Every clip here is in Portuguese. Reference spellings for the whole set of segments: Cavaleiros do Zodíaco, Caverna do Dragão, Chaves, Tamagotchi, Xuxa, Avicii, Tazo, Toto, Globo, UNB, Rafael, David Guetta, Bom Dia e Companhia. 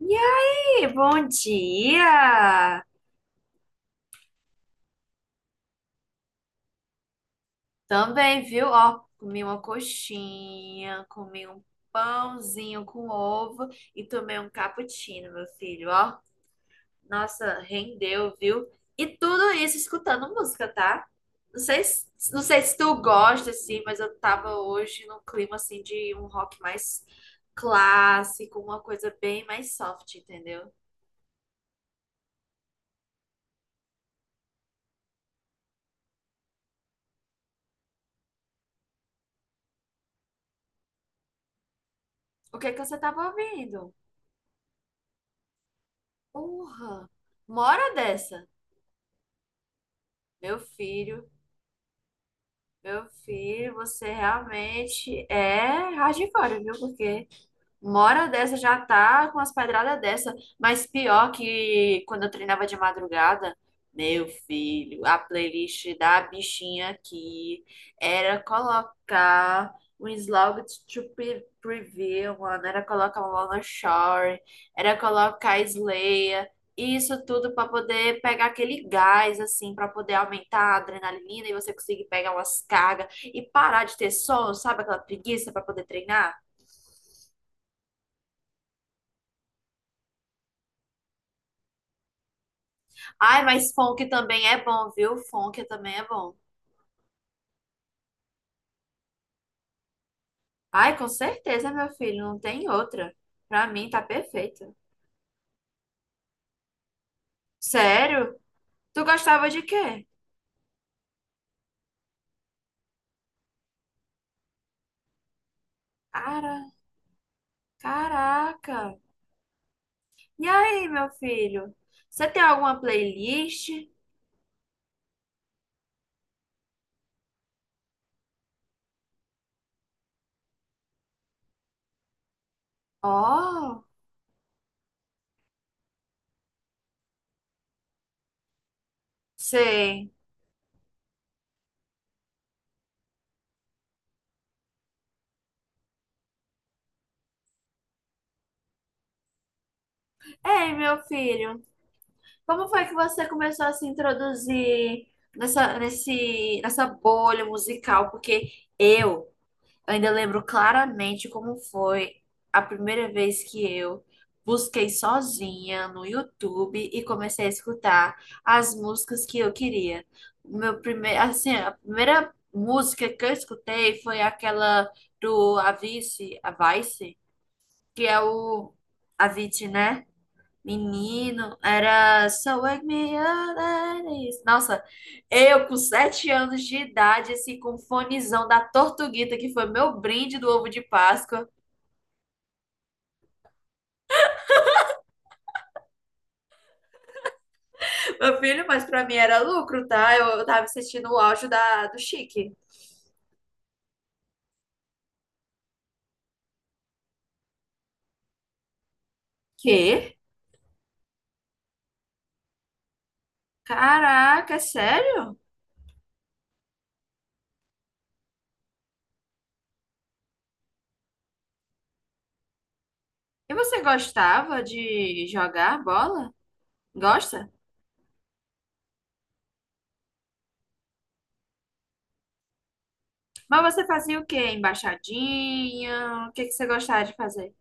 E aí, bom dia! Também, viu? Ó, comi uma coxinha, comi um pãozinho com ovo e tomei um cappuccino, meu filho, ó. Nossa, rendeu, viu? E tudo isso escutando música, tá? Não sei, não sei se tu gosta, assim, mas eu tava hoje num clima, assim, de um rock mais clássico, uma coisa bem mais soft, entendeu? O que é que você tava ouvindo? Porra! Mora dessa! Meu filho, meu filho, você realmente é hardcore, viu? Porque uma hora dessa já tá com as pedradas dessa. Mas pior que quando eu treinava de madrugada, meu filho, a playlist da bichinha aqui era colocar um Slow to Preview, mano. Era colocar Lana Shore, era colocar Slayer. Isso tudo para poder pegar aquele gás, assim, para poder aumentar a adrenalina e você conseguir pegar umas cargas e parar de ter sono, sabe? Aquela preguiça para poder treinar. Ai, mas funk também é bom, viu? Funk também é bom. Ai, com certeza, meu filho, não tem outra. Pra mim tá perfeito. Sério? Tu gostava de quê? Cara, caraca. E aí, meu filho? Você tem alguma playlist? Oh, sei. Ei, meu filho, como foi que você começou a se introduzir nessa, nesse, nessa bolha musical? Porque eu Eu ainda lembro claramente como foi a primeira vez que eu busquei sozinha no YouTube e comecei a escutar as músicas que eu queria. O Meu primeiro, assim, a primeira música que eu escutei foi aquela do Avicii, Avicii, que é o Avicii, né? Menino, era So Wake Me Up Ladies. Nossa, eu com 7 anos de idade, assim, com um fonezão da Tortuguita, que foi meu brinde do ovo de Páscoa. Meu filho, mas pra mim era lucro, tá? Eu tava assistindo o auge do Chique. Quê? Caraca, é sério? E você gostava de jogar bola? Gosta? Mas você fazia o quê? Embaixadinha? O que que você gostava de fazer?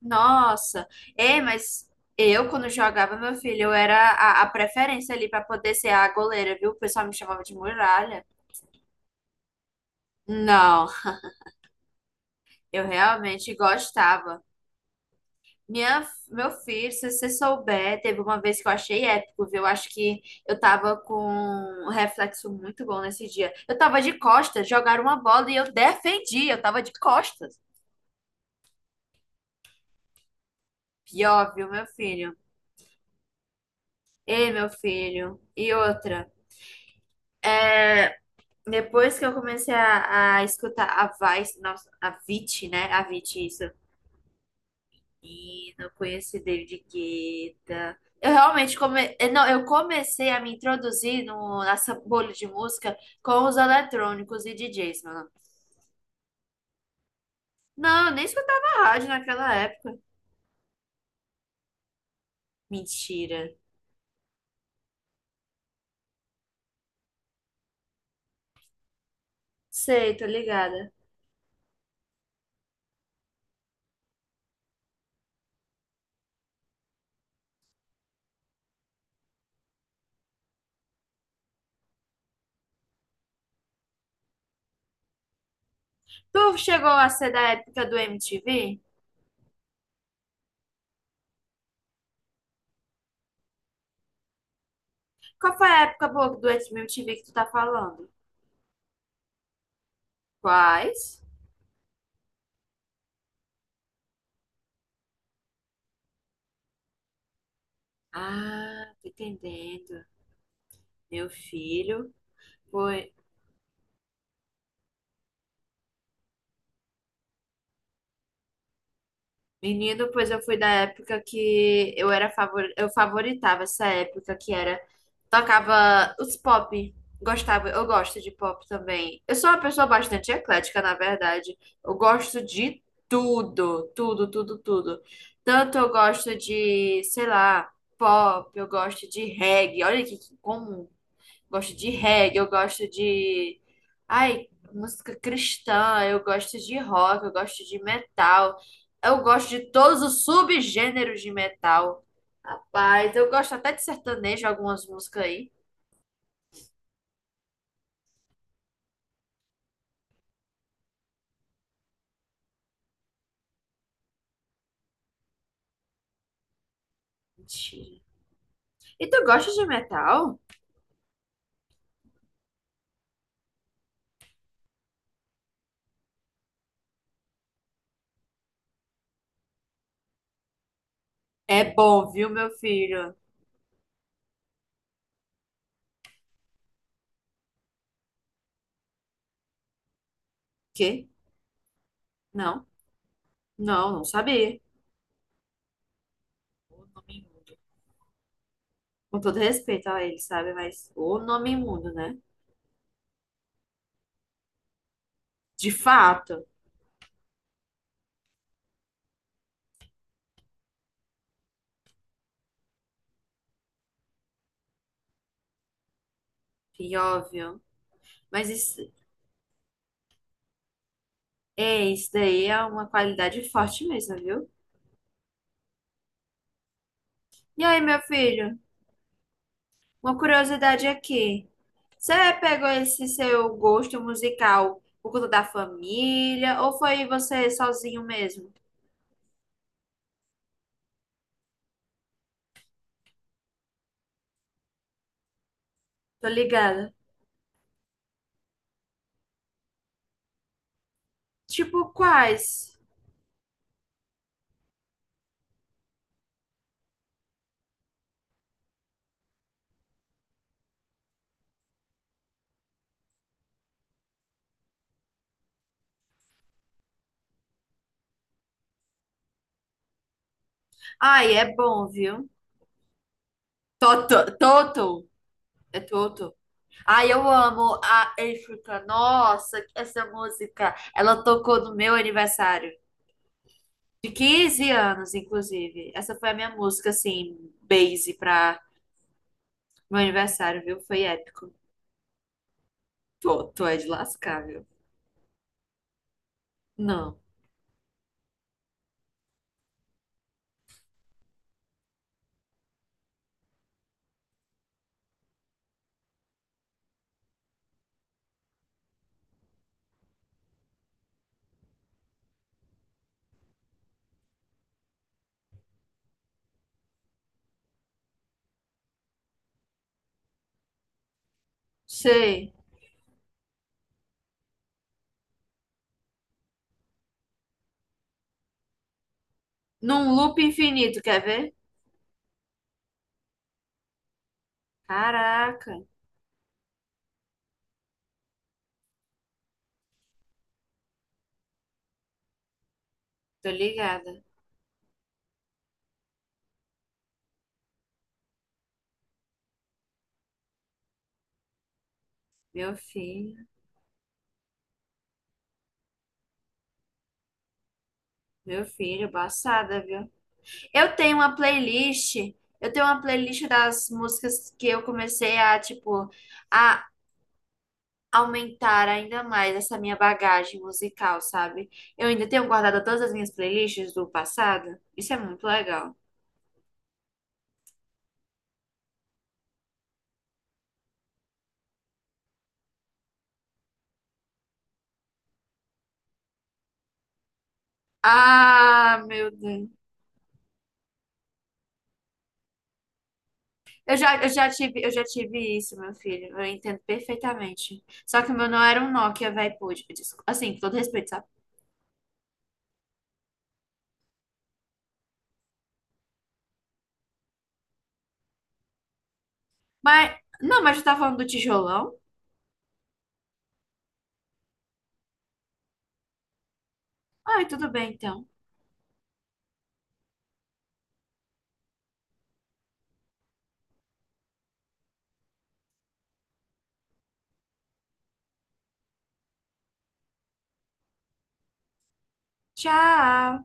Nossa, é, mas eu, quando jogava, meu filho, eu era a preferência ali pra poder ser a goleira, viu? O pessoal me chamava de muralha. Não, eu realmente gostava. Minha, meu filho, se você souber, teve uma vez que eu achei épico, viu? Eu acho que eu tava com um reflexo muito bom nesse dia. Eu tava de costas, jogaram uma bola e eu defendi, eu tava de costas. Pior, viu, meu filho? Ei, meu filho. E outra. Depois que eu comecei a escutar a Vice, nossa, a Vit, né? A Vit, isso. E não conheci David Guetta. Eu realmente não, eu comecei a me introduzir no, nessa bolha de música com os eletrônicos e DJs, mano. Não, eu nem escutava rádio naquela época. Mentira. Sei, tô ligada. Tu chegou a ser da época do MTV? Qual foi a época boa do MTV que tu tá falando? Quais? Ah, tô entendendo. Meu filho foi. Menino, pois eu fui da época que eu favoritava essa época que era. Tocava os pop. Gostava, eu gosto de pop também. Eu sou uma pessoa bastante eclética, na verdade. Eu gosto de tudo, tudo, tudo, tudo. Tanto eu gosto de, sei lá, pop, eu gosto de reggae. Olha que comum. Gosto de reggae, eu gosto de. Ai, música cristã, eu gosto de rock, eu gosto de metal, eu gosto de todos os subgêneros de metal. Rapaz, eu gosto até de sertanejo, algumas músicas aí. Mentira. E tu gosta de metal? É bom, viu, meu filho? Quê? Não, não, não sabia. O nome imundo. Com todo respeito a ele, sabe? Mas o nome imundo, né? De fato. Pior, viu? Mas isso, É, isso daí é uma qualidade forte mesmo, viu? E aí, meu filho, uma curiosidade aqui. Você pegou esse seu gosto musical por conta da família ou foi você sozinho mesmo? Tô ligada. Tipo, quais? Ai, é bom, viu? Toto, Toto, é Toto. Ai, eu amo a África. Nossa, essa música, ela tocou no meu aniversário. De 15 anos, inclusive. Essa foi a minha música, assim, base pra meu aniversário, viu? Foi épico. Pô, tu é de lascar, viu? Não. Sei. Num loop infinito, quer ver? Caraca, tô ligada. Meu filho, meu filho, passada, viu? Eu tenho uma playlist. Eu tenho uma playlist das músicas que eu comecei tipo, a aumentar ainda mais essa minha bagagem musical, sabe? Eu ainda tenho guardado todas as minhas playlists do passado. Isso é muito legal. Ah, meu Deus. Eu já tive isso, meu filho. Eu entendo perfeitamente. Só que o meu não era um Nokia, velho, pude. Assim, com todo respeito, sabe? Mas, não, mas eu tava falando do tijolão. Ai, tudo bem, então. Tchau.